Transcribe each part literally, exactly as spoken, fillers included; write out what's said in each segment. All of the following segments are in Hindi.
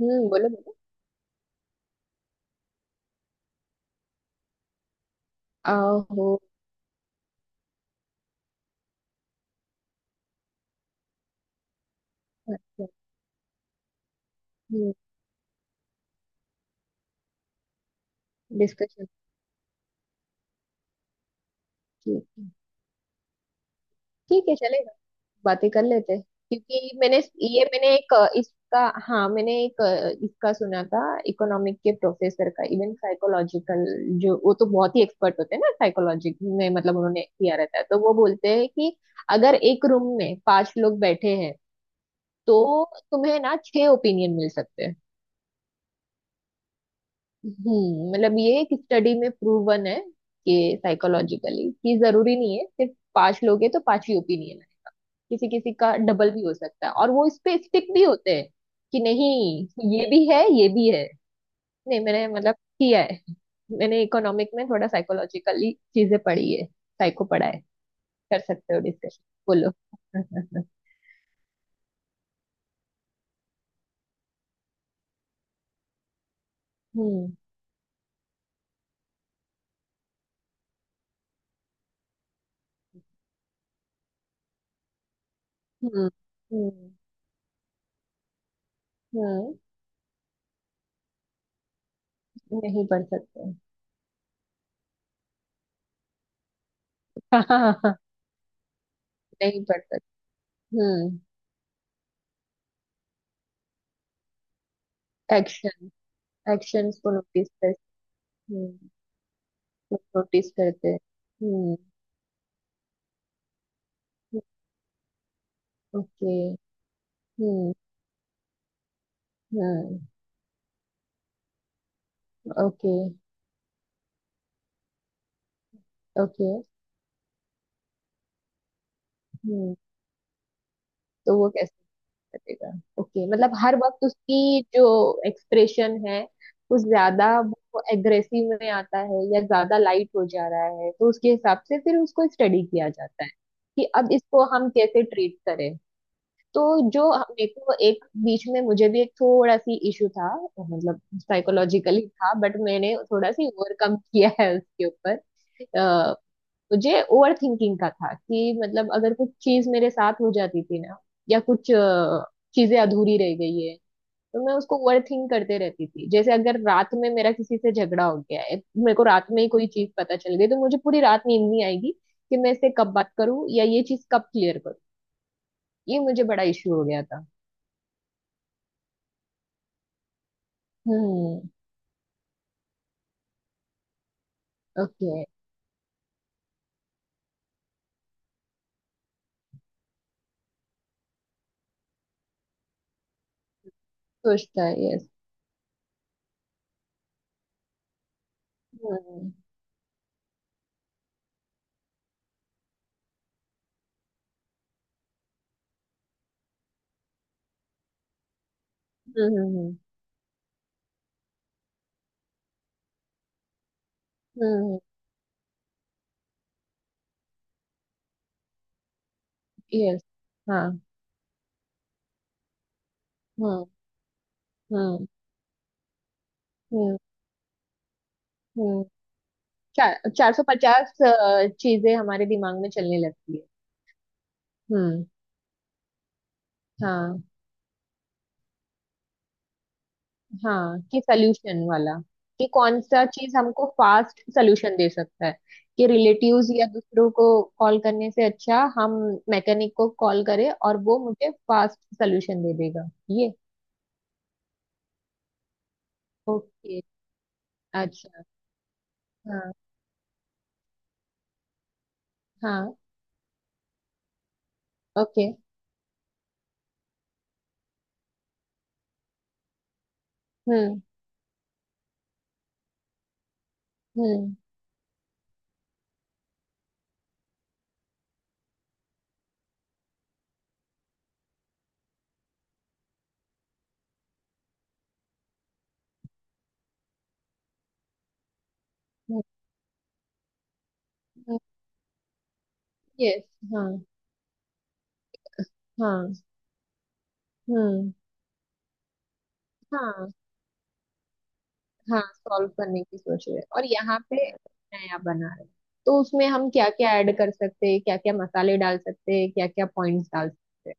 हम्म, बोलो बोलो। आहो। अच्छा। हम्म। डिस्कशन। ठीक है। ठीक है, चलेगा। बातें कर लेते हैं क्योंकि मैंने ये मैंने एक अ, इसका, हाँ मैंने एक अ, इसका सुना था। इकोनॉमिक के प्रोफेसर का, इवन साइकोलॉजिकल जो वो तो बहुत ही एक्सपर्ट होते हैं ना साइकोलॉजी में, मतलब उन्होंने किया रहता है। तो वो बोलते हैं कि अगर एक रूम में पांच लोग बैठे हैं तो तुम्हें ना छह ओपिनियन मिल सकते हैं। हम्म, मतलब ये एक स्टडी में प्रूवन है कि साइकोलॉजिकली, कि जरूरी नहीं है सिर्फ पांच लोग हैं तो पांच ही ओपिनियन है। किसी किसी का डबल भी हो सकता है और वो इस पे स्टिक भी होते हैं, कि नहीं। ये भी है ये भी है। नहीं, मैंने मतलब किया है। मैंने इकोनॉमिक में थोड़ा साइकोलॉजिकली चीजें पढ़ी है, साइको पढ़ा है। कर सकते हो डिस्कशन, बोलो। हम्म हम्म हम्म हम्म। नहीं पढ़ सकते। नहीं पढ़ सकते। हम्म। एक्शन, एक्शंस को नोटिस कर। हम्म, नोटिस करते हैं। हम्म। ओके। हम्म। हम्म। ओके। ओके। हम्म। तो वो कैसे करेगा? ओके, मतलब हर वक्त उसकी जो एक्सप्रेशन है, वो ज्यादा, वो एग्रेसिव में आता है या ज्यादा लाइट हो जा रहा है, तो उसके हिसाब से फिर उसको स्टडी किया जाता है कि अब इसको हम कैसे ट्रीट करें। तो जो मेरे को एक बीच में मुझे भी एक थोड़ा सी इशू था, मतलब साइकोलॉजिकली था, बट मैंने थोड़ा सी ओवरकम किया है उसके ऊपर। अ, मुझे ओवर थिंकिंग का था कि, मतलब, अगर कुछ चीज मेरे साथ हो जाती थी ना, या कुछ अ, चीजें अधूरी रह गई है, तो मैं उसको ओवर थिंक करते रहती थी। जैसे अगर रात में मेरा किसी से झगड़ा हो गया है, मेरे को रात में ही कोई चीज पता चल गई, तो मुझे पूरी रात नींद नहीं आएगी कि मैं इससे कब बात करूं या ये चीज कब क्लियर करूं। ये मुझे बड़ा इशू हो गया था। हम्म। ओके। सोचता है, यस। हम्म हम्म हम्म। यस। हाँ। हम्म हम्म हम्म हम्म। चार चार सौ पचास चीजें हमारे दिमाग में चलने लगती है। हम्म। हाँ। हाँ, कि सल्यूशन वाला। कि कौन सा चीज हमको फास्ट सल्यूशन दे सकता है। कि रिलेटिव्स या दूसरों को कॉल करने से अच्छा हम मैकेनिक को कॉल करें और वो मुझे फास्ट सल्यूशन दे देगा। ये। ओके। अच्छा। हाँ। हाँ। ओके। हम्म। हम्म। यस। हाँ। हाँ। हम्म। हाँ, हाँ सॉल्व करने की सोच रहे हैं। और यहाँ पे नया बना रहे हैं। तो उसमें हम क्या क्या ऐड कर सकते हैं, क्या क्या मसाले डाल सकते हैं, क्या क्या पॉइंट्स डाल सकते हैं?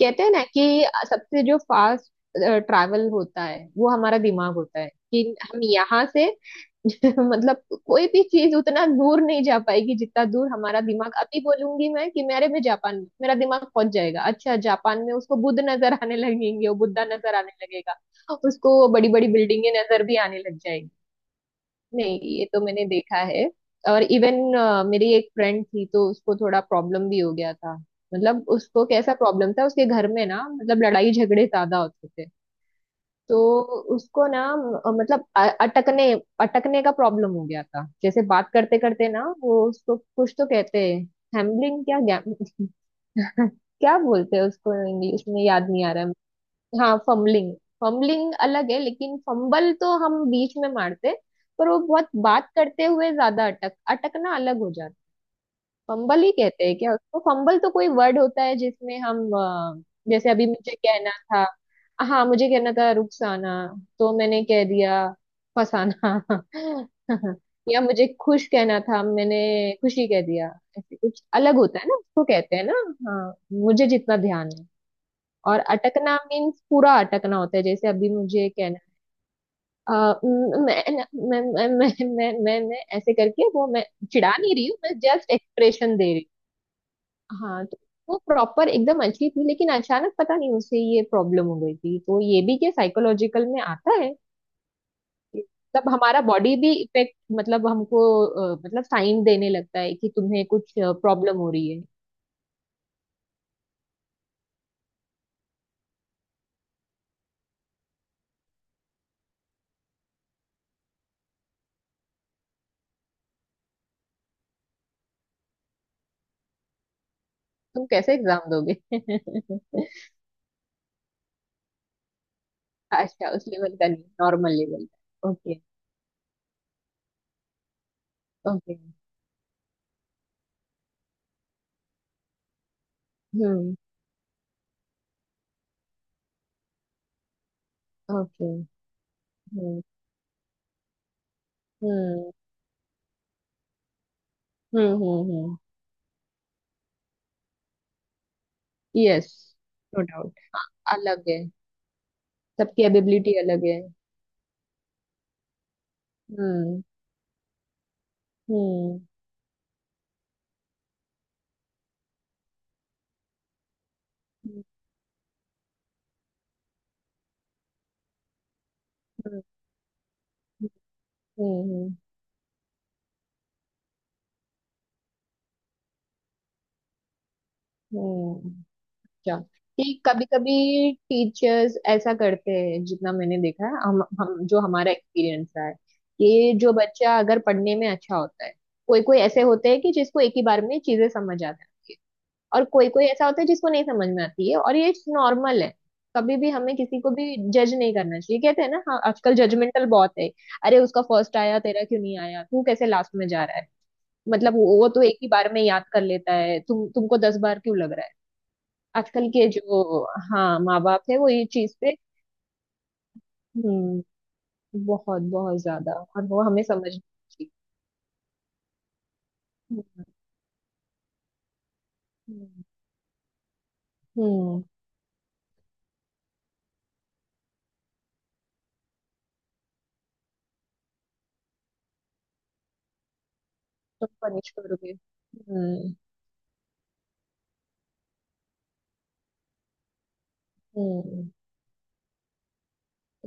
कहते हैं ना कि सबसे जो फास्ट ट्रैवल होता है वो हमारा दिमाग होता है, कि हम यहाँ से, मतलब, कोई भी चीज उतना दूर नहीं जा पाएगी जितना दूर हमारा दिमाग। अभी बोलूंगी मैं कि मेरे में, जापान में मेरा दिमाग पहुंच जाएगा, अच्छा जापान में उसको बुद्ध नजर आने लगेंगे, वो बुद्धा नजर आने लगेगा। उसको बड़ी बड़ी बिल्डिंगें नजर भी आने लग जाएगी। नहीं, ये तो मैंने देखा है। और इवन, मेरी एक फ्रेंड थी तो उसको थोड़ा प्रॉब्लम भी हो गया था। मतलब उसको कैसा प्रॉब्लम था, उसके घर में ना, मतलब लड़ाई झगड़े ज्यादा होते थे। तो उसको ना, अ, मतलब, अ- अटकने, अटकने का प्रॉब्लम हो गया था। जैसे बात करते करते ना वो, उसको कुछ तो कहते हैं, हैम्बलिंग, क्या गैम- क्या बोलते हैं उसको इंग्लिश में, याद नहीं आ रहा है। हाँ, फम्बलिंग। फम्बलिंग अलग है, लेकिन फंबल तो हम बीच में मारते। पर वो बहुत बात करते हुए ज्यादा अटक, अटकना अलग हो जाता है। फंबल ही कहते हैं क्या उसको? फंबल तो कोई वर्ड होता है जिसमें हम अ, जैसे अभी मुझे कहना था, हाँ मुझे कहना था रुखसाना, तो मैंने कह दिया फसाना। या मुझे खुश कहना था, मैंने खुशी कह दिया। ऐसे कुछ अलग होता है ना, उसको कहते हैं ना। हाँ, मुझे जितना ध्यान है। और अटकना मीन्स पूरा अटकना होता है, जैसे अभी मुझे कहना, अ, म- मैं मैं मैं मैं मैं मैं मैं- ऐसे करके, वो, मैं चिढ़ा नहीं रही हूँ मैं, जस्ट एक्सप्रेशन दे रही हूँ। हाँ, तो वो प्रॉपर एकदम अच्छी थी, लेकिन अचानक पता नहीं उसे ये प्रॉब्लम हो गई थी। तो ये भी क्या साइकोलॉजिकल में आता है? मतलब हमारा बॉडी भी इफेक्ट, मतलब हमको अ, मतलब साइन देने लगता है कि तुम्हें कुछ प्रॉब्लम हो रही है। तुम कैसे एग्जाम दोगे? अच्छा, उस लेवल का नहीं, नॉर्मल लेवल का, ओके। ओके। हम्म। ओके। हम्म। हम्म। हम्म। हम्म। यस, नो डाउट अलग है। सबकी एबिलिटी अलग है। हम्म। हम्म। हम्म। हम्म। हम्म। हम्म। क्या? कि कभी कभी टीचर्स ऐसा करते हैं, जितना मैंने देखा है, हम हम जो हमारा एक्सपीरियंस रहा है, कि जो बच्चा अगर पढ़ने में अच्छा होता है। कोई कोई ऐसे होते हैं कि जिसको एक ही बार में चीजें समझ आ जाती है, और कोई कोई ऐसा होता है जिसको नहीं समझ में आती है, और ये नॉर्मल है। कभी भी हमें किसी को भी जज नहीं करना चाहिए, कहते हैं ना। हाँ, आजकल जजमेंटल बहुत है। अरे, उसका फर्स्ट आया, तेरा क्यों नहीं आया, तू कैसे लास्ट में जा रहा है! मतलब वो वो तो एक ही बार में याद कर लेता है, तुम तुमको दस बार क्यों लग रहा है? आजकल के जो, हाँ, माँ बाप है वो ये चीज पे, हम्म, बहुत बहुत ज्यादा, और वो हमें समझना चाहिए। हम्म। हम्म। हम्म, तुम पनिश करोगे, हम्म। हम्म।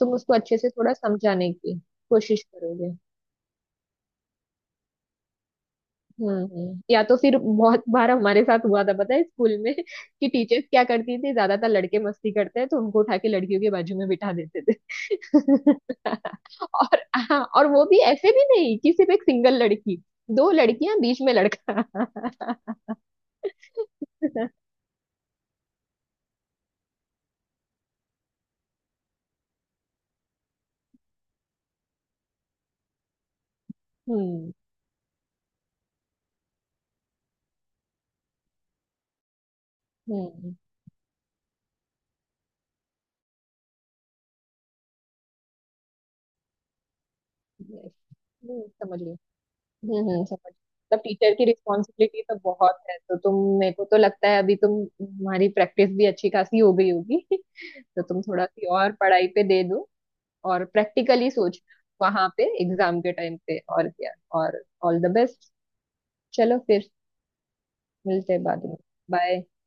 तुम उसको अच्छे से थोड़ा समझाने की कोशिश करोगे। हम्म। हम्म। या तो फिर बहुत बार हमारे साथ हुआ था, पता है, स्कूल में कि टीचर्स क्या करती थी, ज्यादातर लड़के मस्ती करते हैं तो उनको उठा के लड़कियों के बाजू में बिठा देते थे। और हाँ, और वो भी ऐसे भी नहीं कि सिर्फ एक सिंगल लड़की, दो लड़कियां बीच में लड़का। हम्म। हम्म। Yes, हम्म, समझ गई। हम्म। हम्म, समझ, मतलब टीचर की रिस्पॉन्सिबिलिटी तो बहुत है। तो तुम, मेरे को तो लगता है अभी तुम तुम्हारी प्रैक्टिस भी अच्छी खासी हो गई होगी। तो तुम थोड़ा सी और पढ़ाई पे दे दो, और प्रैक्टिकली सोच वहां पे, एग्जाम के टाइम पे, और क्या, और ऑल द बेस्ट। चलो फिर, मिलते हैं बाद में, बाय।